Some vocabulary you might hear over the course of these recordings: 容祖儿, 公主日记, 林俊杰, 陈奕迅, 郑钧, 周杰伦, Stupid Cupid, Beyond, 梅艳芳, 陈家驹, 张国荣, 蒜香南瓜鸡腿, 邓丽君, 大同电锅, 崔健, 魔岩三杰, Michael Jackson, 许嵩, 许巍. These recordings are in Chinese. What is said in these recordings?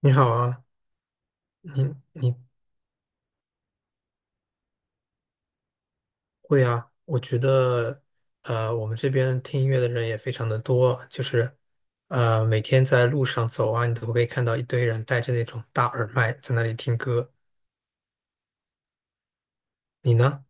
你好啊，你你会啊？我觉得，我们这边听音乐的人也非常的多，就是，每天在路上走啊，你都会看到一堆人戴着那种大耳麦在那里听歌。你呢？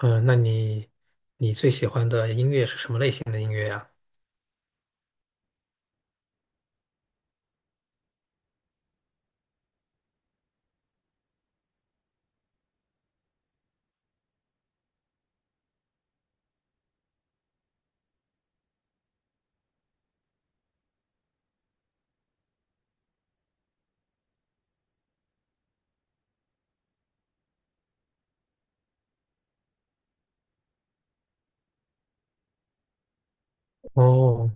那你最喜欢的音乐是什么类型的音乐呀？哦，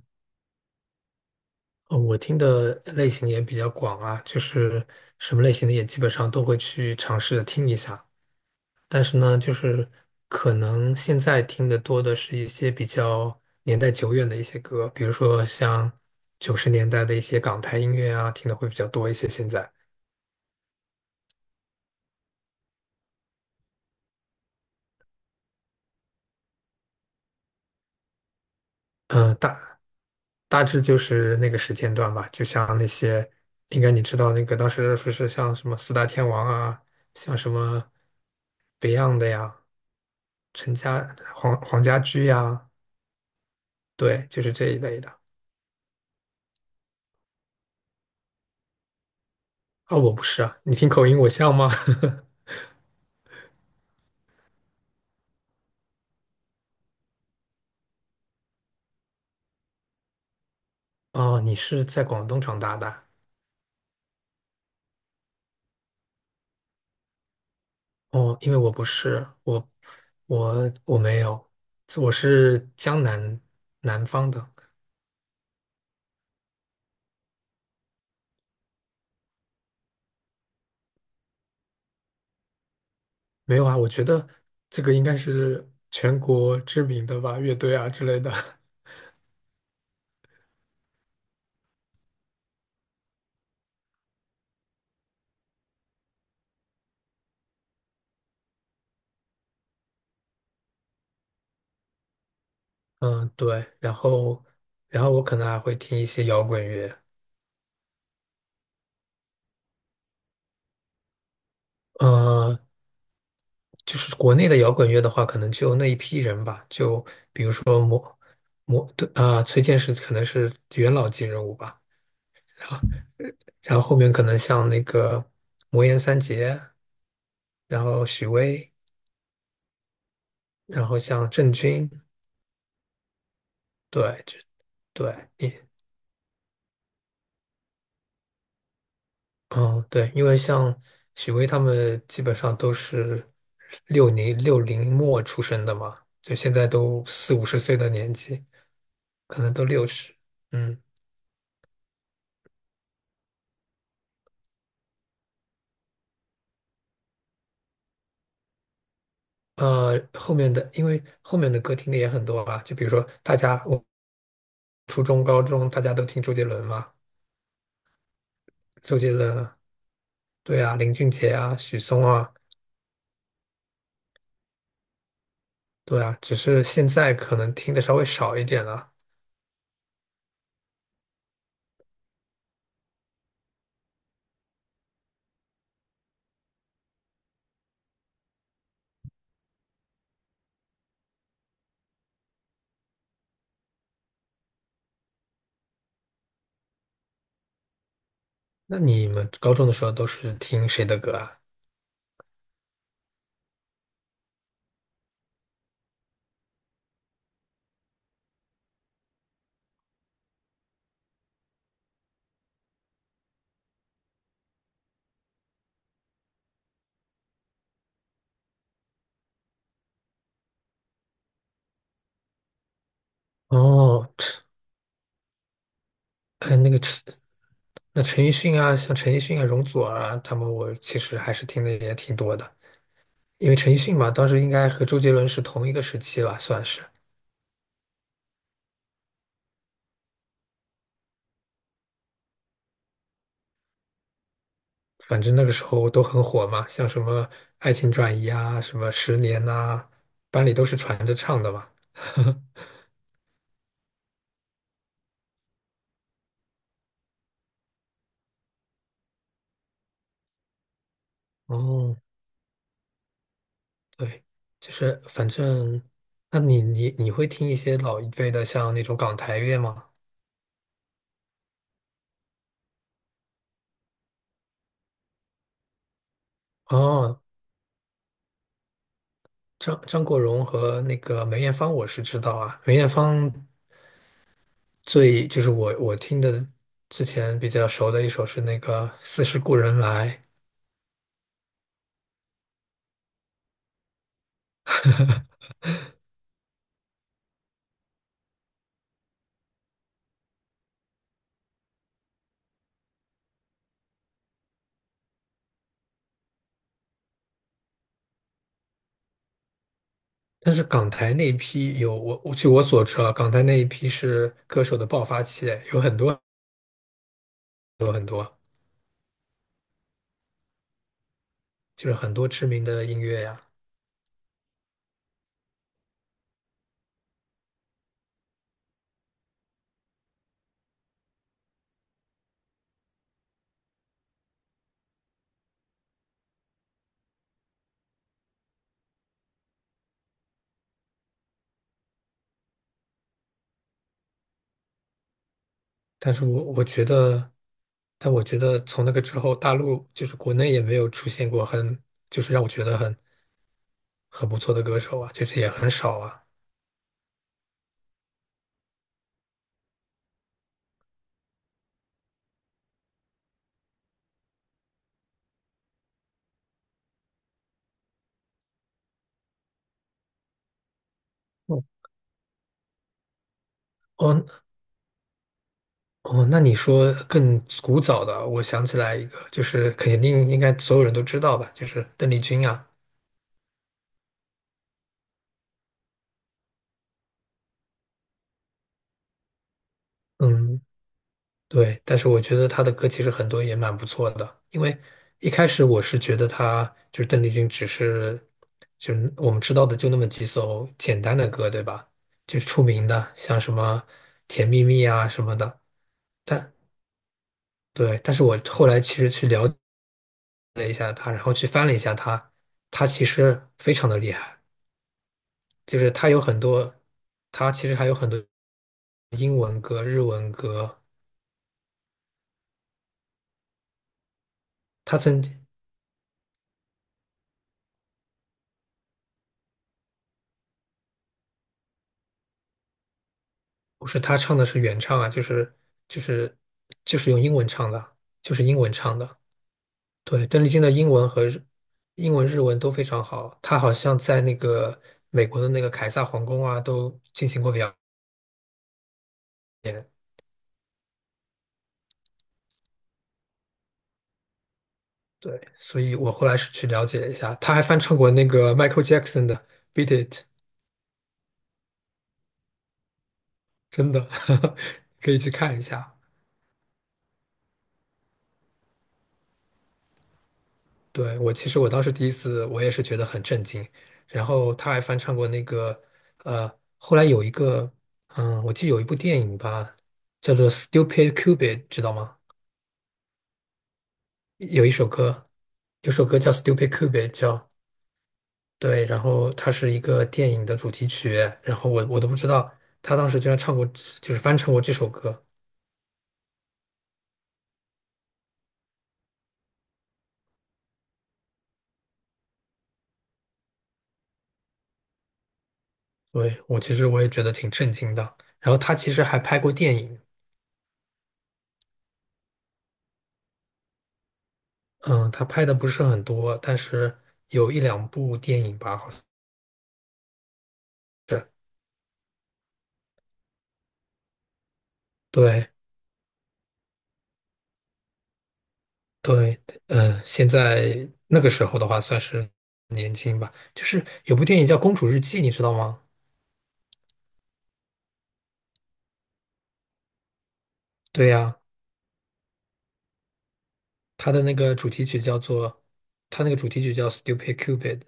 我听的类型也比较广啊，就是什么类型的也基本上都会去尝试着听一下。但是呢，就是可能现在听的多的是一些比较年代久远的一些歌，比如说像90年代的一些港台音乐啊，听的会比较多一些。现在，呃，大大致就是那个时间段吧，就像那些，应该你知道那个当时不是像什么四大天王啊，像什么 Beyond 的呀，陈家黄黄家驹呀，对，就是这一类的。啊、我不是啊，你听口音我像吗？哦，你是在广东长大的啊。哦，因为我不是，我没有，我是南方的，没有啊。我觉得这个应该是全国知名的吧，乐队啊之类的。嗯，对。然后我可能还会听一些摇滚乐。呃，就是国内的摇滚乐的话，可能就那一批人吧，就说魔魔对啊、崔健是可能是元老级人物吧。然后，然后后面可能像那个魔岩三杰，然后许巍。然后像郑钧，对，这对你，嗯，对，因为像许巍他们基本上都是六零末出生的嘛，就现在都四五十岁的年纪，可能都60，嗯，后面的因为后面的歌听的也很多吧，就比如说我初中、高中大家都听周杰伦嘛，周杰伦，对啊，林俊杰啊，许嵩啊，对啊，只是现在可能听的稍微少一点了。那你们高中的时候都是听谁的歌啊？哦，陈，哎，那个陈，那陈奕迅啊，像陈奕迅啊、容祖儿啊，他们我其实还是听的也挺多的。因为陈奕迅嘛，当时应该和周杰伦是同一个时期吧，算是。反正那个时候都很火嘛，像什么《爱情转移》啊，什么《十年》呐，班里都是传着唱的嘛。哦，对，就是反正，那你会听一些老一辈的，像那种港台乐吗？哦，张国荣和那个梅艳芳，我是知道啊。梅艳芳就是我听的之前比较熟的一首是那个《似是故人来》，但是港台那一批有我我据我所知啊，港台那一批是歌手的爆发期，有很多就是很多知名的音乐呀。但是我觉得，但我觉得从那个之后，大陆就是国内也没有出现过就是让我觉得很不错的歌手啊，就是也很少啊。哦，哦，那你说更古早的，我想起来一个，就是肯定应该所有人都知道吧，就是邓丽君啊。嗯，对，但是我觉得她的歌其实很多也蛮不错的，因为一开始我是觉得她就是邓丽君，只是就是我们知道的就那么几首简单的歌，对吧？就是出名的，像什么《甜蜜蜜》啊什么的。但对，但是我后来其实去了解了一下她，然后去翻了一下她，她其实非常的厉害。就是他其实还有很多英文歌、日文歌。他曾经不是他唱的是原唱啊，就是就是用英文唱的，就是英文唱的。对，邓丽君的英文、日文都非常好。她好像在那个美国的那个凯撒皇宫啊，都进行过表演。对，所以我后来是去了解了一下，他还翻唱过那个 Michael Jackson 的《Beat It》，真的，可以去看一下。对，我其实我当时第一次，我也是觉得很震惊。然后他还翻唱过那个，呃，后来有一个，嗯，我记得有一部电影吧，叫做《Stupid Cupid》，知道吗？有一首歌，有首歌叫《Stupid Cupid》，叫对，然后它是一个电影的主题曲。然后我都不知道他当时居然唱过，就是翻唱过这首歌。对，我其实我也觉得挺震惊的。然后他其实还拍过电影。嗯，他拍的不是很多，但是有一两部电影吧，好像是。对对，嗯，现在那个时候的话算是年轻吧。就是有部电影叫《公主日记》，你知道吗？对呀，它的那个主题曲叫做，它那个主题曲叫《Stupid Cupid》。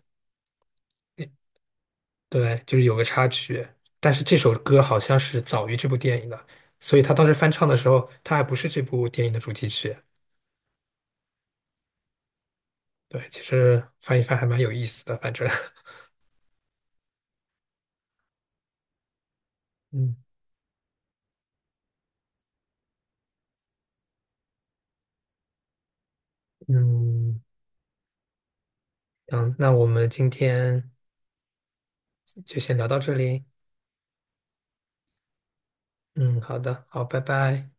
对，就是有个插曲，但是这首歌好像是早于这部电影的，所以他当时翻唱的时候，他还不是这部电影的主题曲。对，其实翻一翻还蛮有意思的，反正，嗯嗯。嗯，那我们今天就先聊到这里。嗯，好的，好，拜拜。